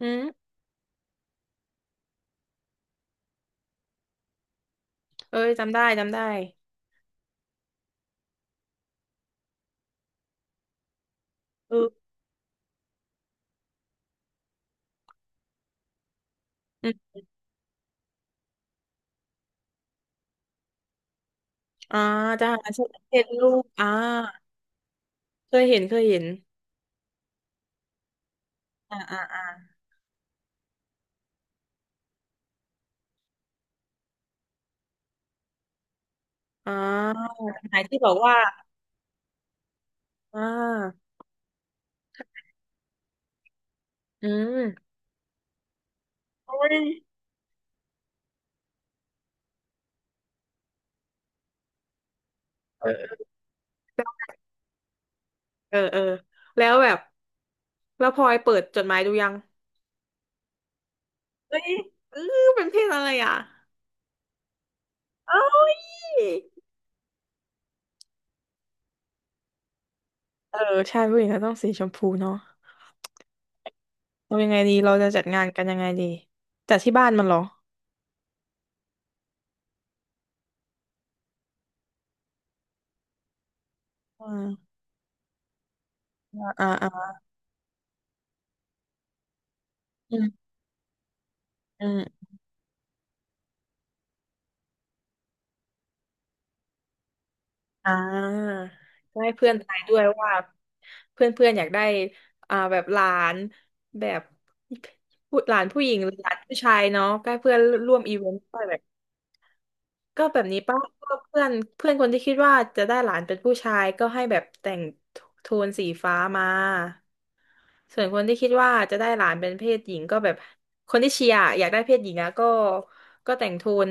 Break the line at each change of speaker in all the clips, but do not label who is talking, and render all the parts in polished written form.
อืมเอ้ยจำได้จำได้เอออืมอ่าจะหารเช็ดลูกเคยเห็นเคยเห็นอ่าอ่าอ่าอ่าจหมายที่บอกว่าอ่าอืมโอ้ยเออเออเออแล้วแบบ แล้วพลอยเปิดจดหมายดูยังเอ้ยเออเป็นเพศอะไรอ่ะเอ้ยเออใช่ผู้หญิงก็ต้องสีชมพูเนาะเรายังไงดีเราจะจัดงานกันยังไงดีจัดที่บ้านมันเหรออ่าอ่าอ่าอืมอืม อ่าก็ให้เพื่อนทายด้วยว่าเพื่อนเพื่อนอยากได้แบบหลานแบบผู้หลานผู้หญิงหรือหลานผู้ชายเนาะก็ให้เพื่อนร่วมอีเวนต์ไปแบบก็แบบนี้ป้าก็เพื่อนเพื่อนคนที่คิดว่าจะได้หลานเป็นผู้ชายก็ให้แบบแต่งโทนสีฟ้ามาส่วนคนที่คิดว่าจะได้หลานเป็นเพศหญิงก็แบบคนที่เชียร์อยากได้เพศหญิงอะก็แต่งโทน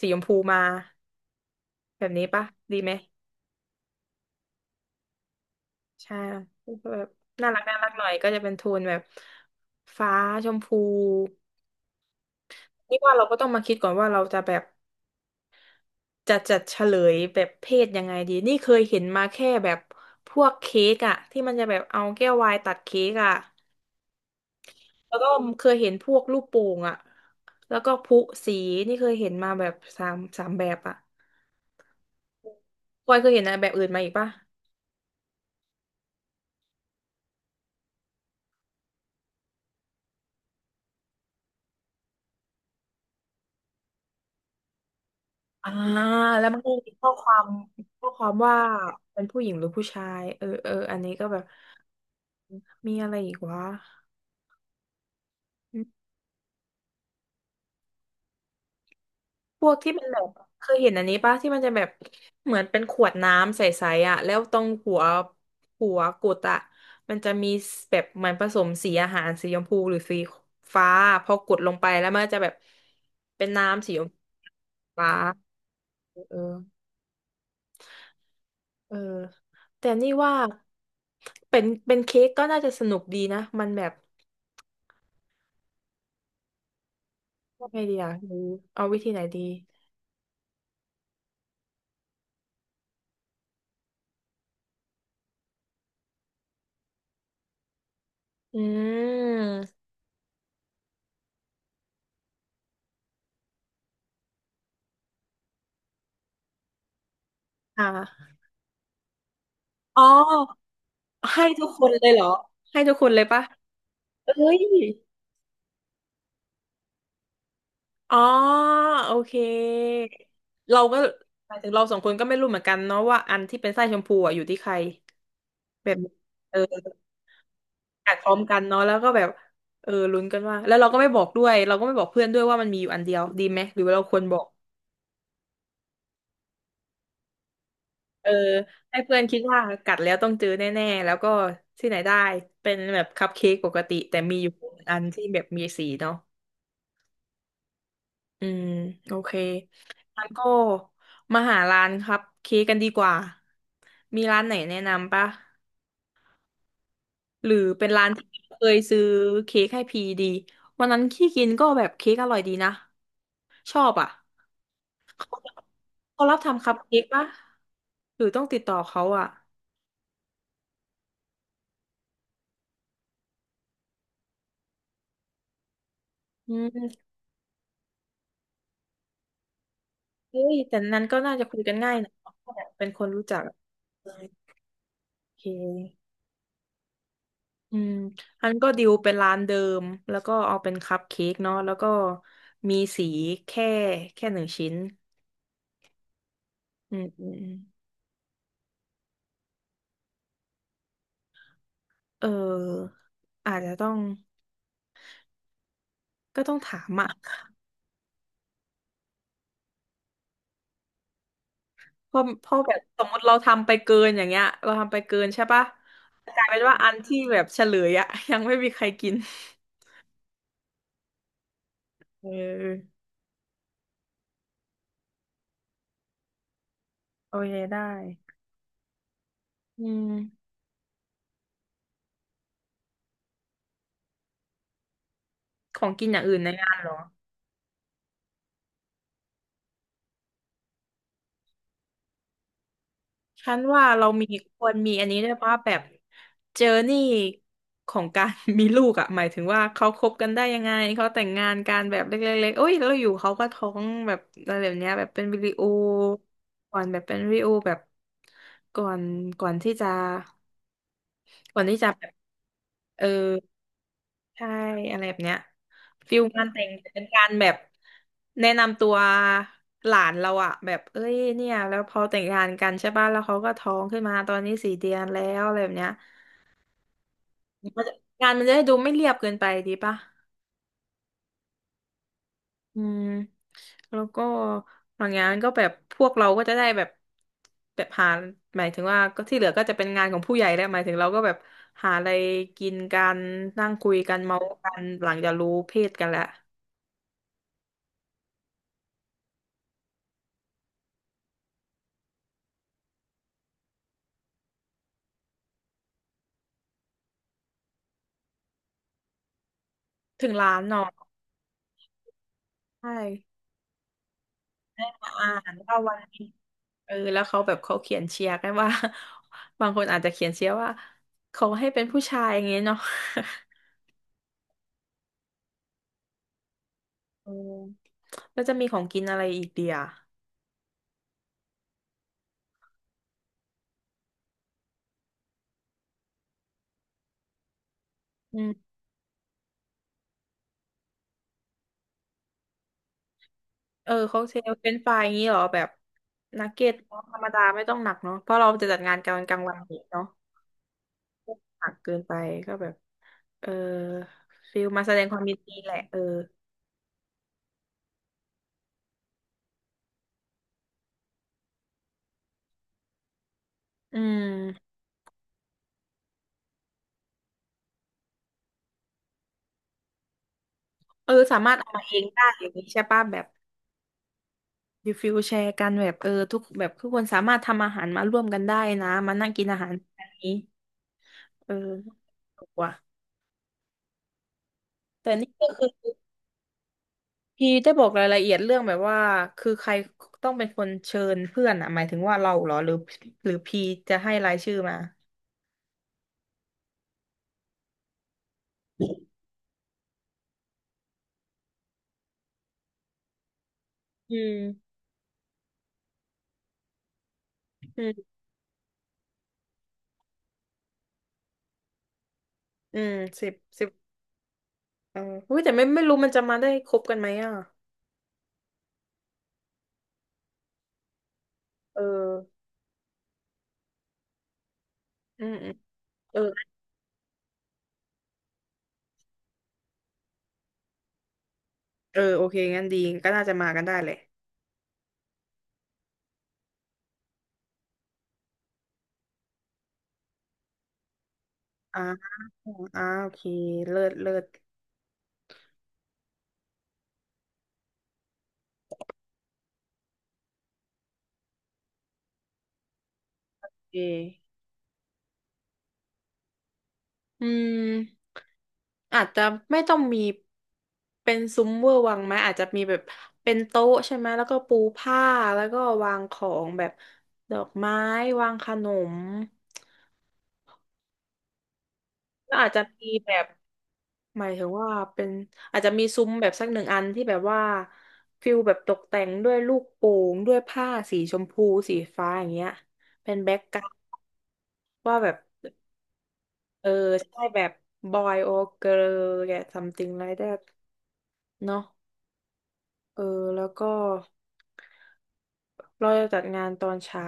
สีชมพูมาแบบนี้ปะดีไหม ใช่แบบน่ารักน่ารักหน่อยก็จะเป็นโทนแบบฟ้าชมพูนี่ว่าเราก็ต้องมาคิดก่อนว่าเราจะแบบจะจัดเฉลยแบบเพศยังไงดีนี่เคยเห็นมาแค่แบบพวกเค้กอะที่มันจะแบบเอาแก้ววายตัดเค้กอะแล้วก็เคยเห็นพวกลูกโป่งอะแล้วก็พลุสีนี่เคยเห็นมาแบบสามแบบอะพลอยเคยเห็นอะแบบอื่นมาอีกปะ อ่าแล้วมันก็มีข้อความว่าเป็นผู้หญิงหรือผู้ชายเออเอออันนี้ก็แบบมีอะไรอีกวะพวกที่เป็นแบบเคยเห็นอันนี้ปะที่มันจะแบบเหมือนเป็นขวดน้ำใสๆอ่ะแล้วตรงหัวกุดอ่ะมันจะมีแบบเหมือนผสมสีอาหารสีชมพูหรือสีฟ้าพอกดลงไปแล้วมันจะแบบเป็นน้ำสีชมพูฟ้าเออ เออแต่นี่ว่าเป็นเค้กก็น่าจะสนุกดีนะมันแบบยังไงดีอ่ะหรือเอาวิธีไหนดีอืมอ่าอ๋อให้ทุกคนเลยเหรอให้ทุกคนเลยปะเอ้ยอ๋อโอเคเราก็หมายถึงเราสองคนก็ไม่รู้เหมือนกันเนาะว่าอันที่เป็นไส้ชมพูอ่ะอยู่ที่ใครแบบเอออัดพร้อมกันเนาะแล้วก็แบบเออลุ้นกันว่าแล้วเราก็ไม่บอกด้วยเราก็ไม่บอกเพื่อนด้วยว่ามันมีอยู่อันเดียวดีไหมหรือว่าเราควรบอก เออให้เพื่อนคิดว่ากัดแล้วต้องเจอแน่ๆแล้วก็ที่ไหนได้เป็นแบบคัพเค้กปกติแต่มีอยู่อันที่แบบมีสีเนาะอืมโอเคงั้นก็มาหาร้านคัพเค้กกันดีกว่ามีร้านไหนแนะนำปะหรือเป็นร้านที่เคยซื้อเค้กให้พีดีวันนั้นที่กินก็แบบเค้กอร่อยดีนะชอบอ่ะเขาเขารับทำคัพเค้กปะหรือต้องติดต่อเขาอ่ะอืม เฮ้ย แต่นั้นก็น่าจะคุยกันง่ายนะเป็นคนรู้จักโอเคอืมอันก็ดิวเป็นร้านเดิมแล้วก็เอาเป็นคัพเค้กเนาะแล้วก็มีสีแค่แค่หนึ่งชิ้นอืมอืมอืมเอออาจจะต้องก็ต้องถามอ่ะเพราะแบบสมมติเราทำไปเกินอย่างเงี้ยเราทำไปเกินใช่ปะกลายเป็นว่าอันที่แบบเฉลยอ่ะยังไม่มีใครกินเออโอเคได้อืมของกินอย่างอื่นในงานเหรอ ฉันว่าเรามีควรมีอันนี้ด้วยป่ะแบบเจอร์นี่ของการ มีลูกอ่ะหมายถึงว่าเขาคบกันได้ยังไงเขาแต่งงานกันแบบเล็กๆๆโอ้ยแล้วอยู่เขาก็ท้องแบบอะไรแบบเนี้ยแบบเป็นวิดีโอก่อนแบบเป็นวิดีโอแบบก่อนก่อนที่จะก่อนที่จะแบบเออ ใช่อะไรแบบเนี้ยฟิลงานแต่งเป็นการแบบแนะนำตัวหลานเราอะแบบเอ้ยเนี่ยแล้วพอแต่งงานกันใช่ป่ะแล้วเขาก็ท้องขึ้นมาตอนนี้4 เดือนแล้วอะไรแบบเนี้ยมันจะงานมันจะได้ดูไม่เรียบเกินไปดีป่ะอืมแล้วก็บางงานก็แบบพวกเราก็จะได้แบบแบบหาหมายถึงว่าก็ที่เหลือก็จะเป็นงานของผู้ใหญ่แล้วหมายถึงเราก็แบบหาอะไรกินกันนั่งคุยกันเมาส์กันหลังจากรู้เพศกันแล้วถึงร้านเนาะ ใช่อ่านว่าวันนี้เออแล้วเขาแบบเขาเขียนเชียร์กันว่า บางคนอาจจะเขียนเชียร์ว่าขอให้เป็นผู้ชายอย่างเงี้ยเนาะ เออ แล้วจะมีของกินอะไรอีกเดียอืมเออค็อกเทลเป็นไฟรายอย่างงี้เหรอแบบนักเก็ตเนอะธรรมดาไม่ต้องหนักเนาะเพราะเราจะจัดงานกลางวันเองเนาะหนักเกินไปก็แบบเออฟิลมาแสดงความยินดีแหละเอออืมเออสามารถเอามาเองได้อย่างนี้ใช่ป่ะแบบ ดีฟิลแชร์กันแบบเออทุกแบบทุกคนสามารถทำอาหารมาร่วมกันได้นะมานั่งกินอาหารแบบนี้เออถูกว่ะแต่นี่ก็คือพี่ได้บอกรายละเอียดเรื่องแบบว่าคือใครต้องเป็นคนเชิญเพื่อนอ่ะหมายถึงว่าเราเหรอหรือหรือพีจะให้รายชื่อมาอืมอืมอืมสิบสิบเอออุ้ยแต่ไม่รู้มันจะมาได้ครบกันไหมอ่ะเอออืมอืมเออเออโอเคงั้นดีก็น่าจะมากันได้เลยอ่าอ่าโอเคเลิศเลิศโอเค อืมอาจจะไม่ต้องมีเป็นซุ้มเวอร์วังไหมอาจจะมีแบบเป็นโต๊ะใช่ไหมแล้วก็ปูผ้าแล้วก็วางของแบบดอกไม้วางขนมแล้วอาจจะมีแบบหมายถึงว่าเป็นอาจจะมีซุ้มแบบสักหนึ่งอันที่แบบว่าฟิลแบบตกแต่งด้วยลูกโป่งด้วยผ้าสีชมพูสีฟ้าอย่างเงี้ยเป็นแบ็กกราวด์ว่าแบบเออใช่แบบบอยโอเกิร์ลแก something like that เนาะ เออแล้วก็เราจะจัดงานตอนเช้า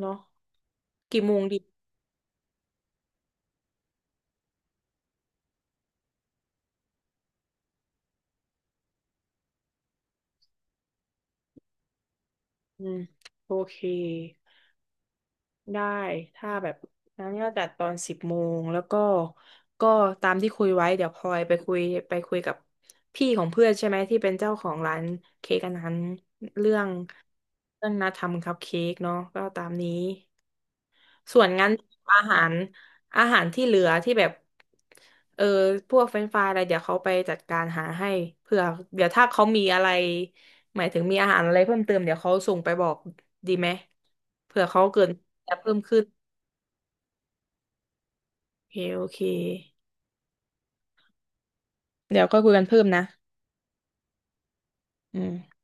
เนาะกี่โมงดีอืมโอเคได้ถ้าแบบนั้นก็จัดตอนสิบโมงแล้วก็ก็ตามที่คุยไว้เดี๋ยวพลอยไปคุยกับพี่ของเพื่อนใช่ไหมที่เป็นเจ้าของร้านเค้กอันนั้นเรื่องเรื่องนัดทำคัพเค้กเนาะก็ตามนี้ ส่วนงั้นอาหารอาหารที่เหลือที่แบบเออพวกเฟรนช์ฟรายอะไรเดี๋ยวเขาไปจัดการหาให้เผื่อเดี๋ยวถ้าเขามีอะไรหมายถึงมีอาหารอะไรเพิ่มเติมเดี๋ยวเขาส่งไปบอกดีไหมเผื่อเขาเกิดจะเพิ่มขึ้นโอเคโอเคเดี๋ยวก็คุยกันเพิ่มนะอืม